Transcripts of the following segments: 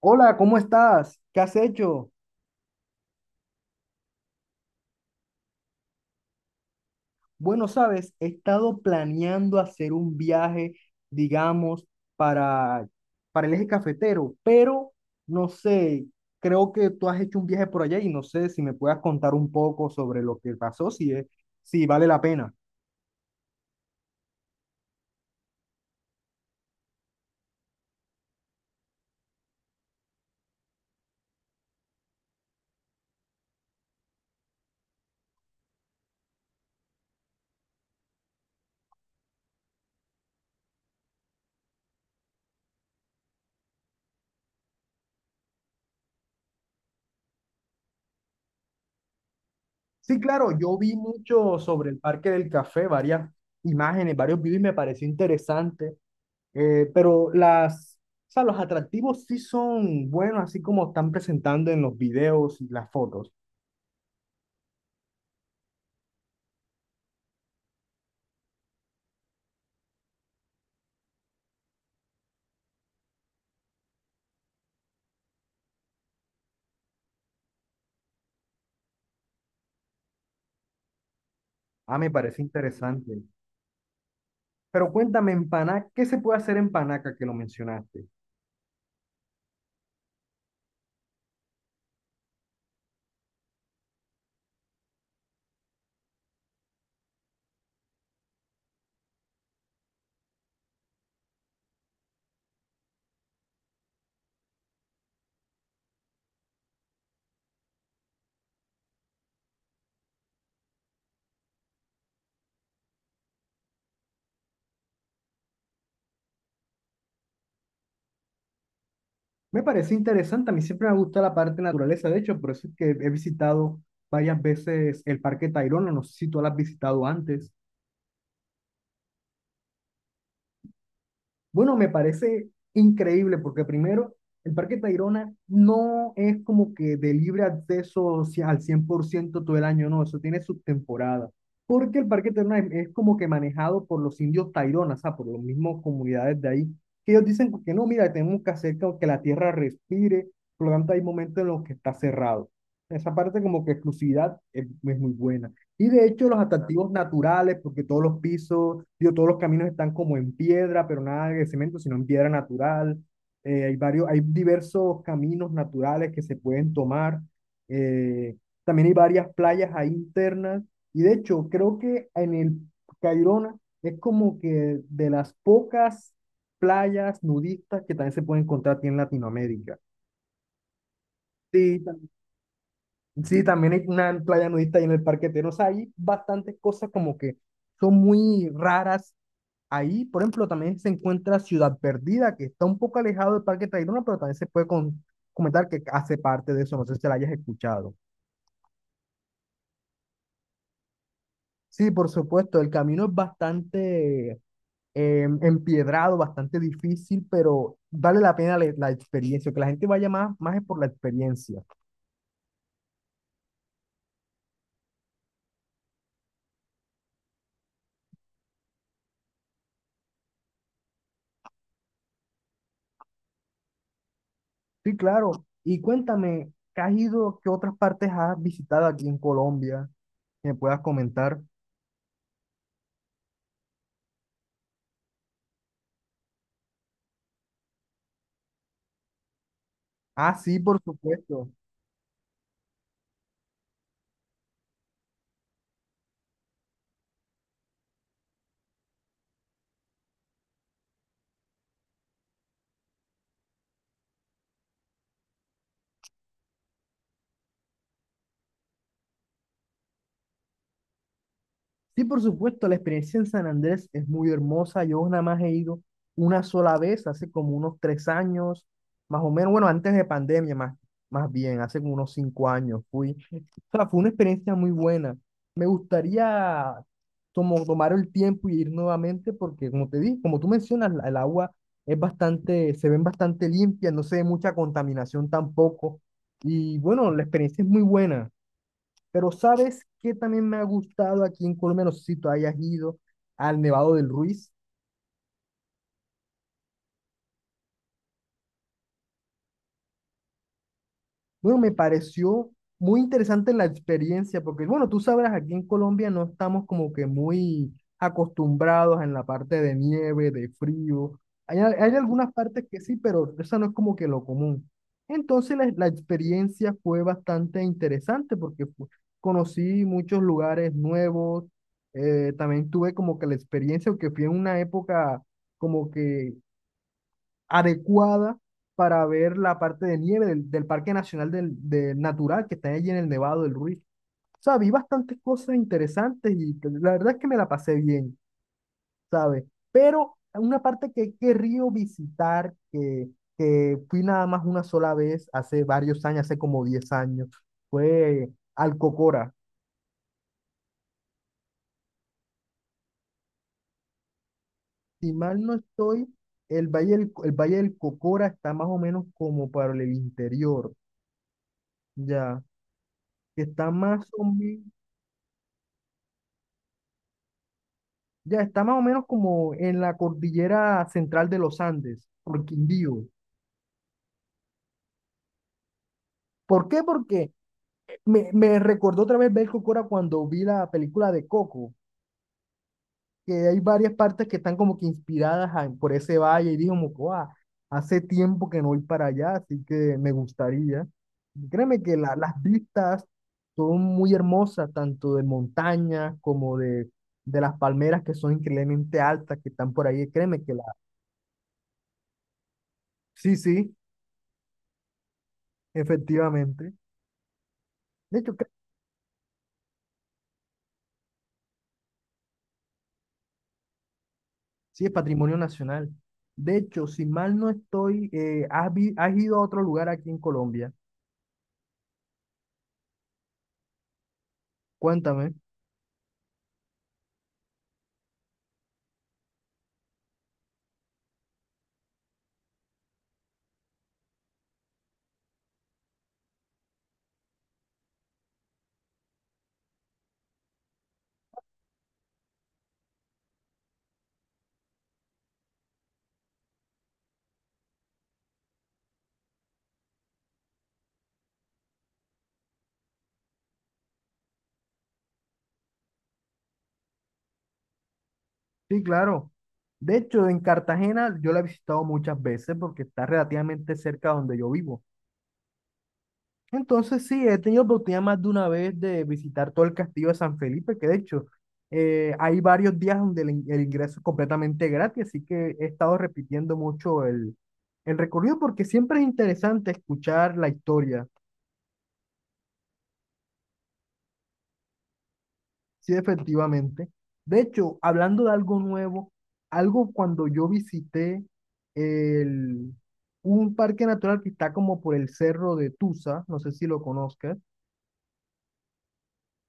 Hola, ¿cómo estás? ¿Qué has hecho? Bueno, sabes, he estado planeando hacer un viaje, digamos, para, para el eje cafetero, pero no sé, creo que tú has hecho un viaje por allá y no sé si me puedas contar un poco sobre lo que pasó, si vale la pena. Sí, claro, yo vi mucho sobre el Parque del Café, varias imágenes, varios videos y me pareció interesante. Eh, pero las, o sea, los atractivos sí son buenos, así como están presentando en los videos y las fotos. Ah, me parece interesante. Pero cuéntame, en Paná, ¿qué se puede hacer en Panaca que lo mencionaste? Me parece interesante, a mí siempre me gusta la parte de naturaleza, de hecho, por eso es que he visitado varias veces el Parque Tayrona, no sé si tú lo has visitado antes. Bueno, me parece increíble porque primero, el Parque Tayrona no es como que de libre acceso al 100% todo el año, no, eso tiene sus temporadas. Porque el Parque Tayrona es como que manejado por los indios Tayrona, o sea, por las mismas comunidades de ahí, que ellos dicen que no, mira, tenemos que hacer como que la tierra respire, por lo tanto hay momentos en los que está cerrado. Esa parte como que exclusividad es muy buena. Y de hecho los atractivos naturales, porque todos los pisos, digo, todos los caminos están como en piedra, pero nada de cemento, sino en piedra natural. Hay varios, hay diversos caminos naturales que se pueden tomar. Eh, También hay varias playas ahí internas. Y de hecho, creo que en el Cairona es como que de las pocas playas nudistas que también se pueden encontrar aquí en Latinoamérica. Sí, sí, también hay una playa nudista ahí en el Parque Terno. O sea, hay bastantes cosas como que son muy raras ahí. Por ejemplo, también se encuentra Ciudad Perdida, que está un poco alejado del Parque Tayrona, pero también se puede comentar que hace parte de eso. No sé si la hayas escuchado. Sí, por supuesto, el camino es bastante empiedrado, bastante difícil, pero vale la pena la experiencia. Que la gente vaya más es por la experiencia. Sí, claro. Y cuéntame, ¿qué has ido, qué otras partes has visitado aquí en Colombia que me puedas comentar? Ah, sí, por supuesto. Sí, por supuesto, la experiencia en San Andrés es muy hermosa. Yo nada más he ido una sola vez, hace como unos 3 años, más o menos, bueno, antes de pandemia, más bien, hace como unos 5 años fui. O sea, fue una experiencia muy buena. Me gustaría tomar el tiempo y ir nuevamente porque, como te dije, como tú mencionas, el agua es bastante, se ven bastante limpia, no se ve mucha contaminación tampoco. Y bueno, la experiencia es muy buena. Pero ¿sabes qué también me ha gustado aquí en Colombia? No sé si tú hayas ido al Nevado del Ruiz. Bueno, me pareció muy interesante la experiencia, porque bueno, tú sabrás, aquí en Colombia no estamos como que muy acostumbrados en la parte de nieve, de frío. Hay algunas partes que sí, pero esa no es como que lo común. Entonces la experiencia fue bastante interesante porque conocí muchos lugares nuevos, también tuve como que la experiencia, que fui en una época como que adecuada para ver la parte de nieve del Parque Nacional Natural que está allí en el Nevado del Ruiz. O sea, vi bastantes cosas interesantes y la verdad es que me la pasé bien, ¿sabes? Pero una parte que he querido visitar, que fui nada más una sola vez hace varios años, hace como 10 años, fue al Cocora. Si mal no estoy, el Valle el Valle del Cocora está más o menos como para el interior, ya, que está más o menos. Ya está más o menos como en la cordillera central de los Andes, por Quindío. ¿Por qué? Porque me recordó otra vez ver Cora cuando vi la película de Coco, que hay varias partes que están como que por ese valle y digo como que, "Guau, hace tiempo que no voy para allá, así que me gustaría". Créeme que las vistas son muy hermosas, tanto de montañas como de las palmeras que son increíblemente altas que están por ahí. Créeme que la... Sí, sí, efectivamente. De hecho, creo. Sí, es patrimonio nacional. De hecho, si mal no estoy, has ido a otro lugar aquí en Colombia. Cuéntame. Sí, claro. De hecho, en Cartagena yo la he visitado muchas veces porque está relativamente cerca de donde yo vivo. Entonces, sí, he tenido oportunidad más de una vez de visitar todo el castillo de San Felipe, que de hecho hay varios días donde el ingreso es completamente gratis, así que he estado repitiendo mucho el recorrido porque siempre es interesante escuchar la historia. Sí, efectivamente. De hecho, hablando de algo nuevo, algo cuando yo visité el, un parque natural que está como por el cerro de Tusa, no sé si lo conozcas,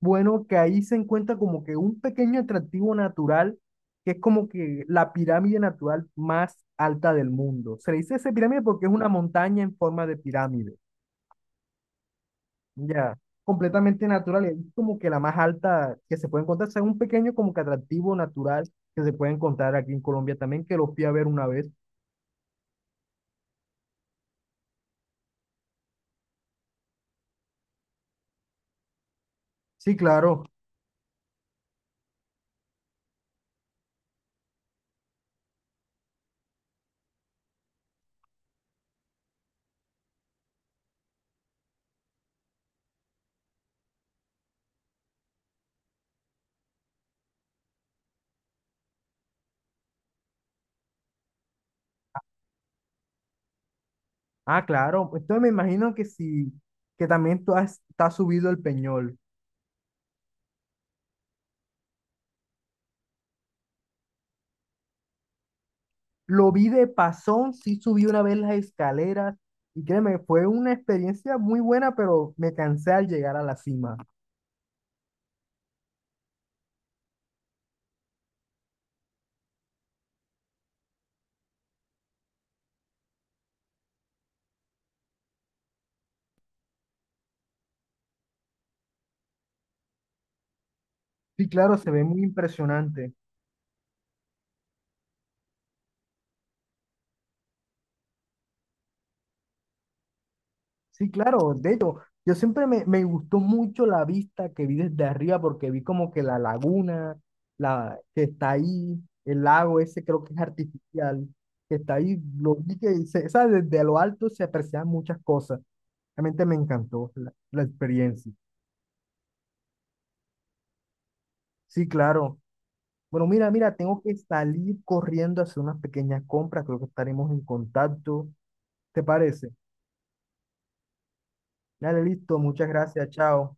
bueno, que ahí se encuentra como que un pequeño atractivo natural que es como que la pirámide natural más alta del mundo. Se le dice esa pirámide porque es una montaña en forma de pirámide. Ya, completamente natural. Y es como que la más alta que se puede encontrar. O sea, un pequeño como que atractivo natural que se puede encontrar aquí en Colombia también, que lo fui a ver una vez. Sí, claro. Ah, claro. Entonces me imagino que sí, que también tú te has subido el Peñol. Lo vi de pasón, sí subí una vez las escaleras y créeme, fue una experiencia muy buena, pero me cansé al llegar a la cima. Sí, claro, se ve muy impresionante. Sí, claro, de hecho, yo siempre me gustó mucho la vista que vi desde arriba porque vi como que la laguna, la que está ahí, el lago ese creo que es artificial, que está ahí, lo vi que se, o sea, desde lo alto se aprecian muchas cosas. Realmente me encantó la experiencia. Sí, claro. Bueno, mira, mira, tengo que salir corriendo a hacer unas pequeñas compras, creo que estaremos en contacto. ¿Te parece? Dale, listo, muchas gracias, chao.